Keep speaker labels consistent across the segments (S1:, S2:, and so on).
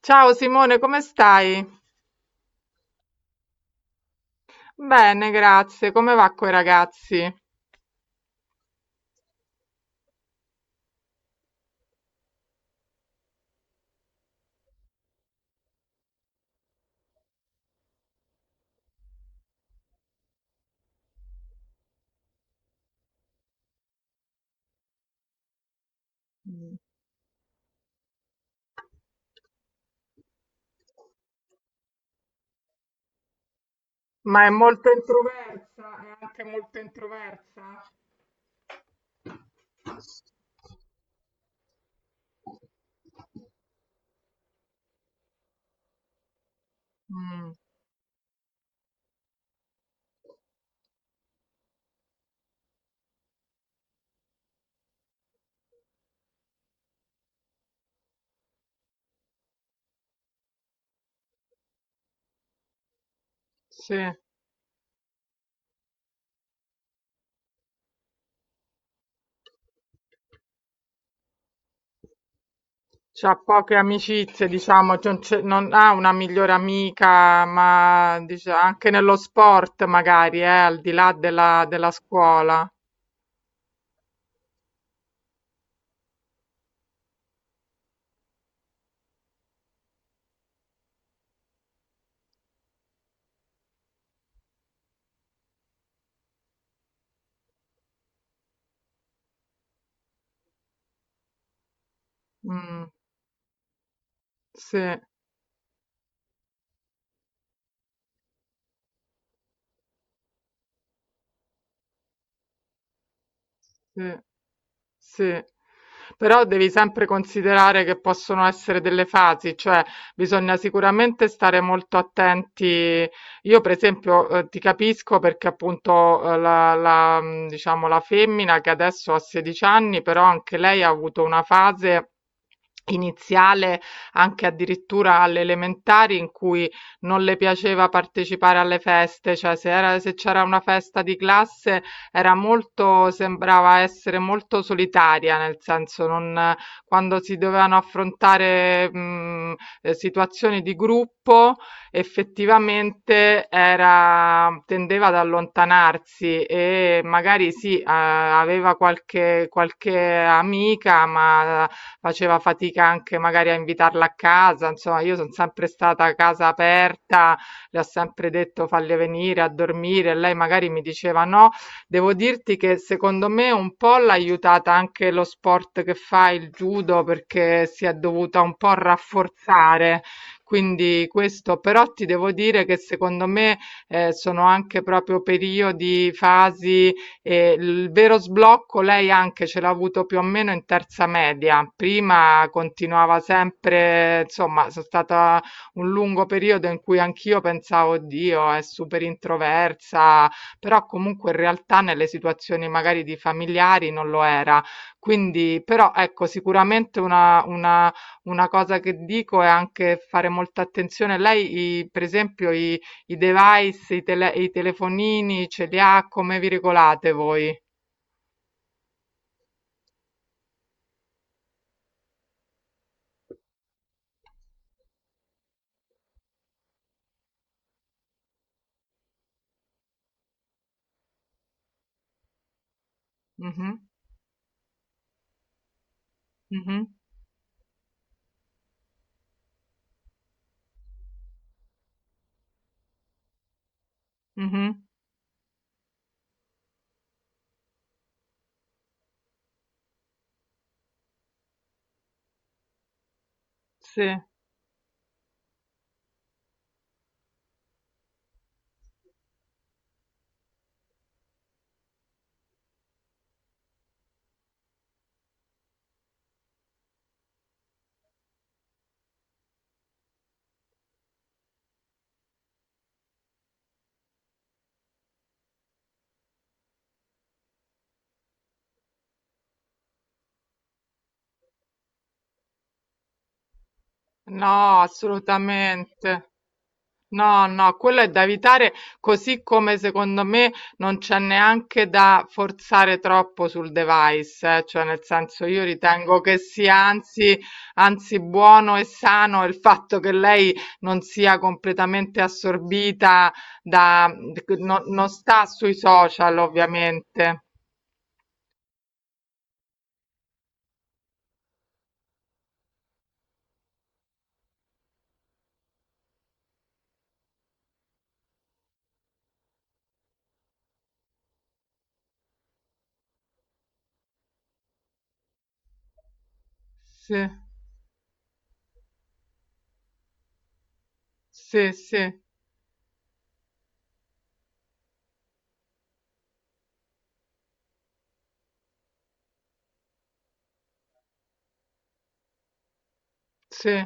S1: Ciao Simone, come stai? Bene, grazie. Come va coi ragazzi? Mm. Ma è molto introversa? È anche molto introversa? Mm, sì. C'ha poche amicizie, diciamo, non ha una migliore amica, anche nello sport magari, al di là della scuola. Mm, sì, sì. Sì. Però devi sempre considerare che possono essere delle fasi, cioè bisogna sicuramente stare molto attenti. Io, per esempio, ti capisco perché appunto diciamo, la femmina che adesso ha 16 anni, però anche lei ha avuto una fase iniziale, anche addirittura alle elementari, in cui non le piaceva partecipare alle feste, cioè se c'era una festa di classe era molto sembrava essere molto solitaria, nel senso non quando si dovevano affrontare, situazioni di gruppo, effettivamente era tendeva ad allontanarsi e magari sì, aveva qualche amica, ma faceva fatica anche magari a invitarla a casa. Insomma, io son sempre stata a casa aperta, le ho sempre detto: "Falle venire a dormire", e lei magari mi diceva: "No". Devo dirti che secondo me un po' l'ha aiutata anche lo sport che fa, il judo, perché si è dovuta un po' rafforzare. Quindi questo, però ti devo dire che secondo me sono anche proprio periodi, fasi, e il vero sblocco lei anche ce l'ha avuto più o meno in terza media. Prima continuava sempre, insomma, sono stata un lungo periodo in cui anch'io pensavo, Dio, è super introversa, però comunque in realtà nelle situazioni magari di familiari non lo era. Quindi, però ecco, sicuramente una cosa che dico è anche fare molta attenzione. Lei, per esempio, i device, i telefonini, ce li ha? Come vi regolate voi? Mhm, mhm, mhm. Sì, no, assolutamente. No, no, quello è da evitare, così come secondo me non c'è neanche da forzare troppo sul device, cioè nel senso io ritengo che sia anzi buono e sano il fatto che lei non sia completamente assorbita da, non sta sui social ovviamente. Sì, sì, sì, sì,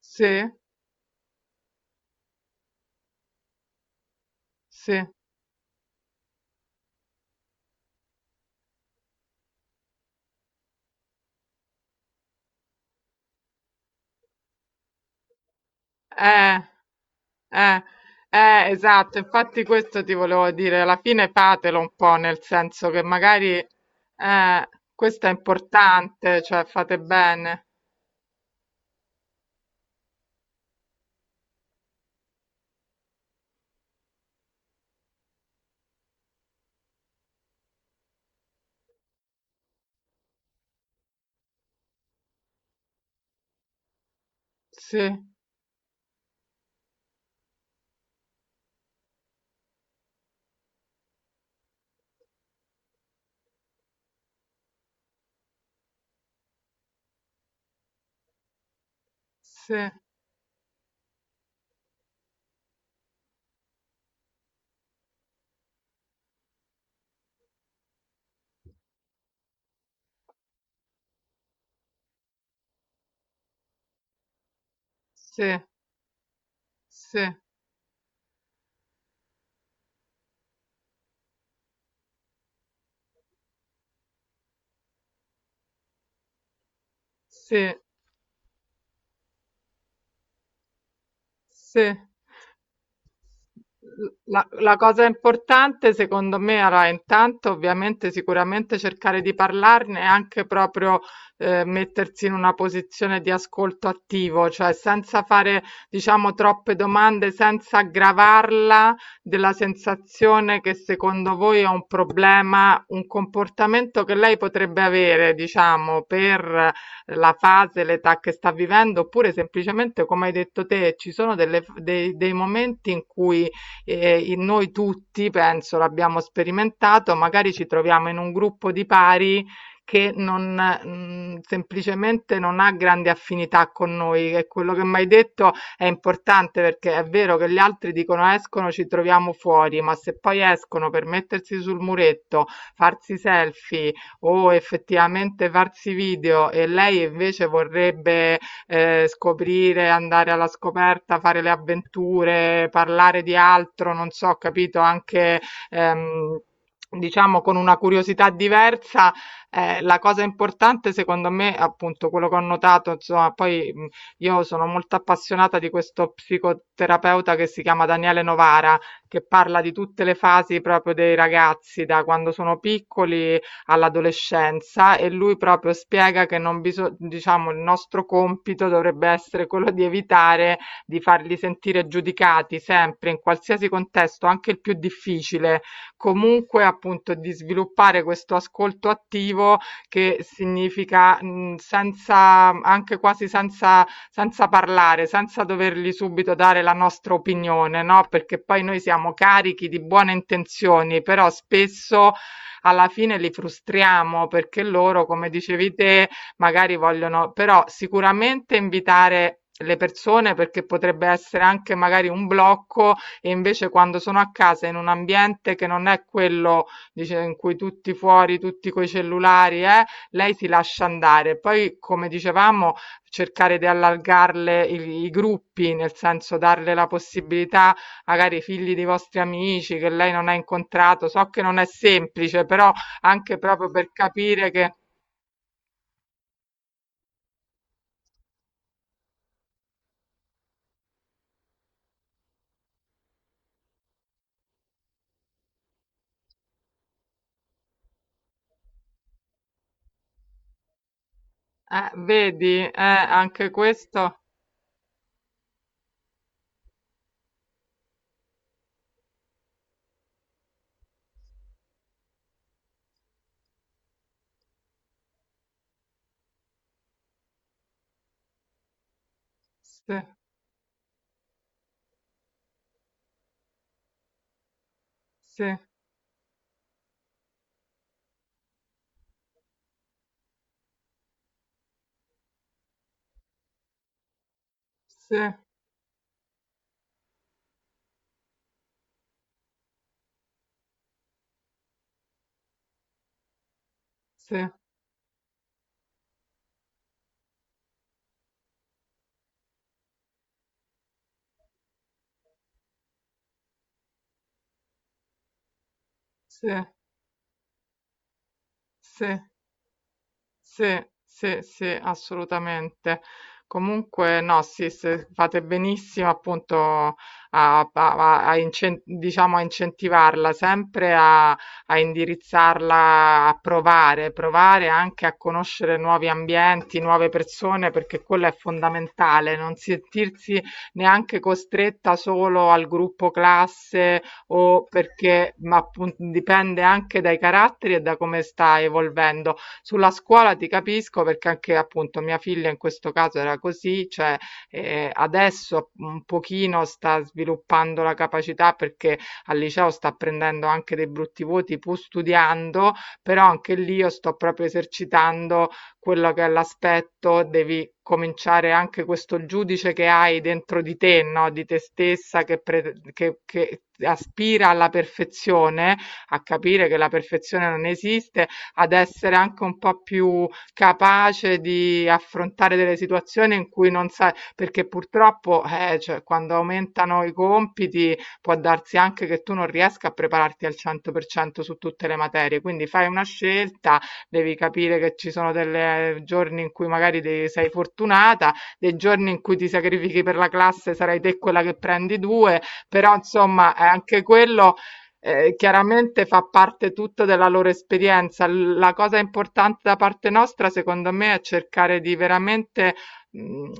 S1: sì, sì. Eh. Eh, esatto, infatti questo ti volevo dire, alla fine fatelo un po', nel senso che magari eh, questo è importante, cioè fate bene. Sì, sì, sì, sì, sì, sì. La cosa importante secondo me, allora intanto ovviamente sicuramente cercare di parlarne e anche proprio mettersi in una posizione di ascolto attivo, cioè senza fare diciamo troppe domande, senza aggravarla della sensazione che secondo voi è un problema, un comportamento che lei potrebbe avere diciamo per la fase, l'età che sta vivendo, oppure semplicemente come hai detto te, ci sono dei momenti in cui in noi tutti, penso, l'abbiamo sperimentato, magari ci troviamo in un gruppo di pari che non, semplicemente non ha grande affinità con noi, e quello che mi hai detto è importante perché è vero che gli altri dicono escono, ci troviamo fuori, ma se poi escono per mettersi sul muretto, farsi selfie o effettivamente farsi video e lei invece vorrebbe scoprire, andare alla scoperta, fare le avventure, parlare di altro, non so, capito, anche ehm, diciamo con una curiosità diversa. La cosa importante, secondo me, appunto, quello che ho notato, insomma, poi io sono molto appassionata di questo psicoterapeuta che si chiama Daniele Novara, che parla di tutte le fasi proprio dei ragazzi, da quando sono piccoli all'adolescenza e lui proprio spiega che non biso- diciamo, il nostro compito dovrebbe essere quello di evitare di farli sentire giudicati sempre, in qualsiasi contesto, anche il più difficile, comunque appunto di sviluppare questo ascolto attivo che significa senza, anche quasi senza, senza parlare, senza dovergli subito dare la nostra opinione, no? Perché poi noi siamo carichi di buone intenzioni, però spesso alla fine li frustriamo perché loro, come dicevi te, magari vogliono, però sicuramente invitare le persone perché potrebbe essere anche magari un blocco e invece quando sono a casa in un ambiente che non è quello dice, in cui tutti fuori, tutti coi cellulari, lei si lascia andare. Poi, come dicevamo, cercare di allargarle i gruppi, nel senso darle la possibilità magari i figli dei vostri amici che lei non ha incontrato. So che non è semplice, però anche proprio per capire che, vedi, anche questo. Sì, sì, sì, sì, sì, sì. Sì, sì, sì, assolutamente. Comunque, no, sì, se fate benissimo appunto a, diciamo, a incentivarla, sempre a, a indirizzarla a provare, provare anche a conoscere nuovi ambienti, nuove persone, perché quello è fondamentale, non sentirsi neanche costretta solo al gruppo classe o perché, ma appunto dipende anche dai caratteri e da come sta evolvendo sulla scuola ti capisco perché anche appunto mia figlia in questo caso era così, cioè adesso un pochino sta sviluppando la capacità perché al liceo sta prendendo anche dei brutti voti pur studiando, però anche lì io sto proprio esercitando quello che è l'aspetto, devi cominciare anche questo giudice che hai dentro di te, no? Di te stessa che, che aspira alla perfezione, a capire che la perfezione non esiste ad essere anche un po' più capace di affrontare delle situazioni in cui non sai, perché purtroppo cioè, quando aumentano i compiti può darsi anche che tu non riesca a prepararti al 100% su tutte le materie, quindi fai una scelta, devi capire che ci sono dei giorni in cui sei fortunata, dei giorni in cui ti sacrifichi per la classe sarai te quella che prendi due, però insomma è anche quello chiaramente fa parte tutto della loro esperienza. La cosa importante da parte nostra, secondo me, è cercare di veramente mh,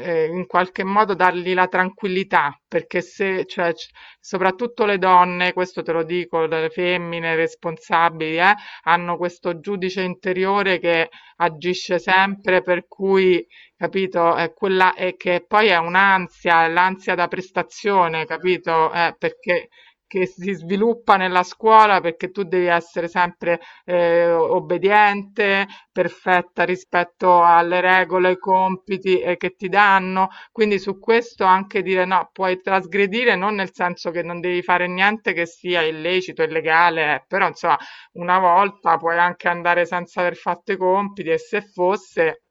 S1: in qualche modo dargli la tranquillità, perché se, cioè, soprattutto le donne, questo te lo dico, le femmine responsabili, hanno questo giudice interiore che agisce sempre, per cui, capito, è quella e che poi è un'ansia, è l'ansia da prestazione, capito? Perché che si sviluppa nella scuola perché tu devi essere sempre obbediente, perfetta rispetto alle regole, ai compiti che ti danno. Quindi su questo anche dire no, puoi trasgredire non nel senso che non devi fare niente che sia illecito, illegale, però insomma una volta puoi anche andare senza aver fatto i compiti e se fosse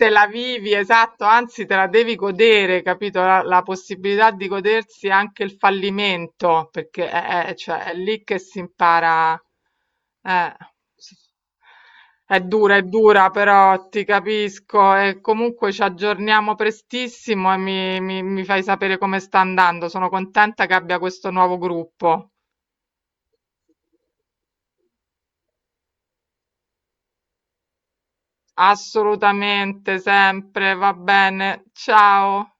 S1: te la vivi, esatto, anzi te la devi godere, capito? La possibilità di godersi anche il fallimento, perché cioè, è lì che si impara. Eh, sì. È dura, però ti capisco e comunque ci aggiorniamo prestissimo e mi fai sapere come sta andando. Sono contenta che abbia questo nuovo gruppo. Assolutamente, sempre, va bene. Ciao,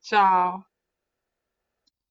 S1: ciao.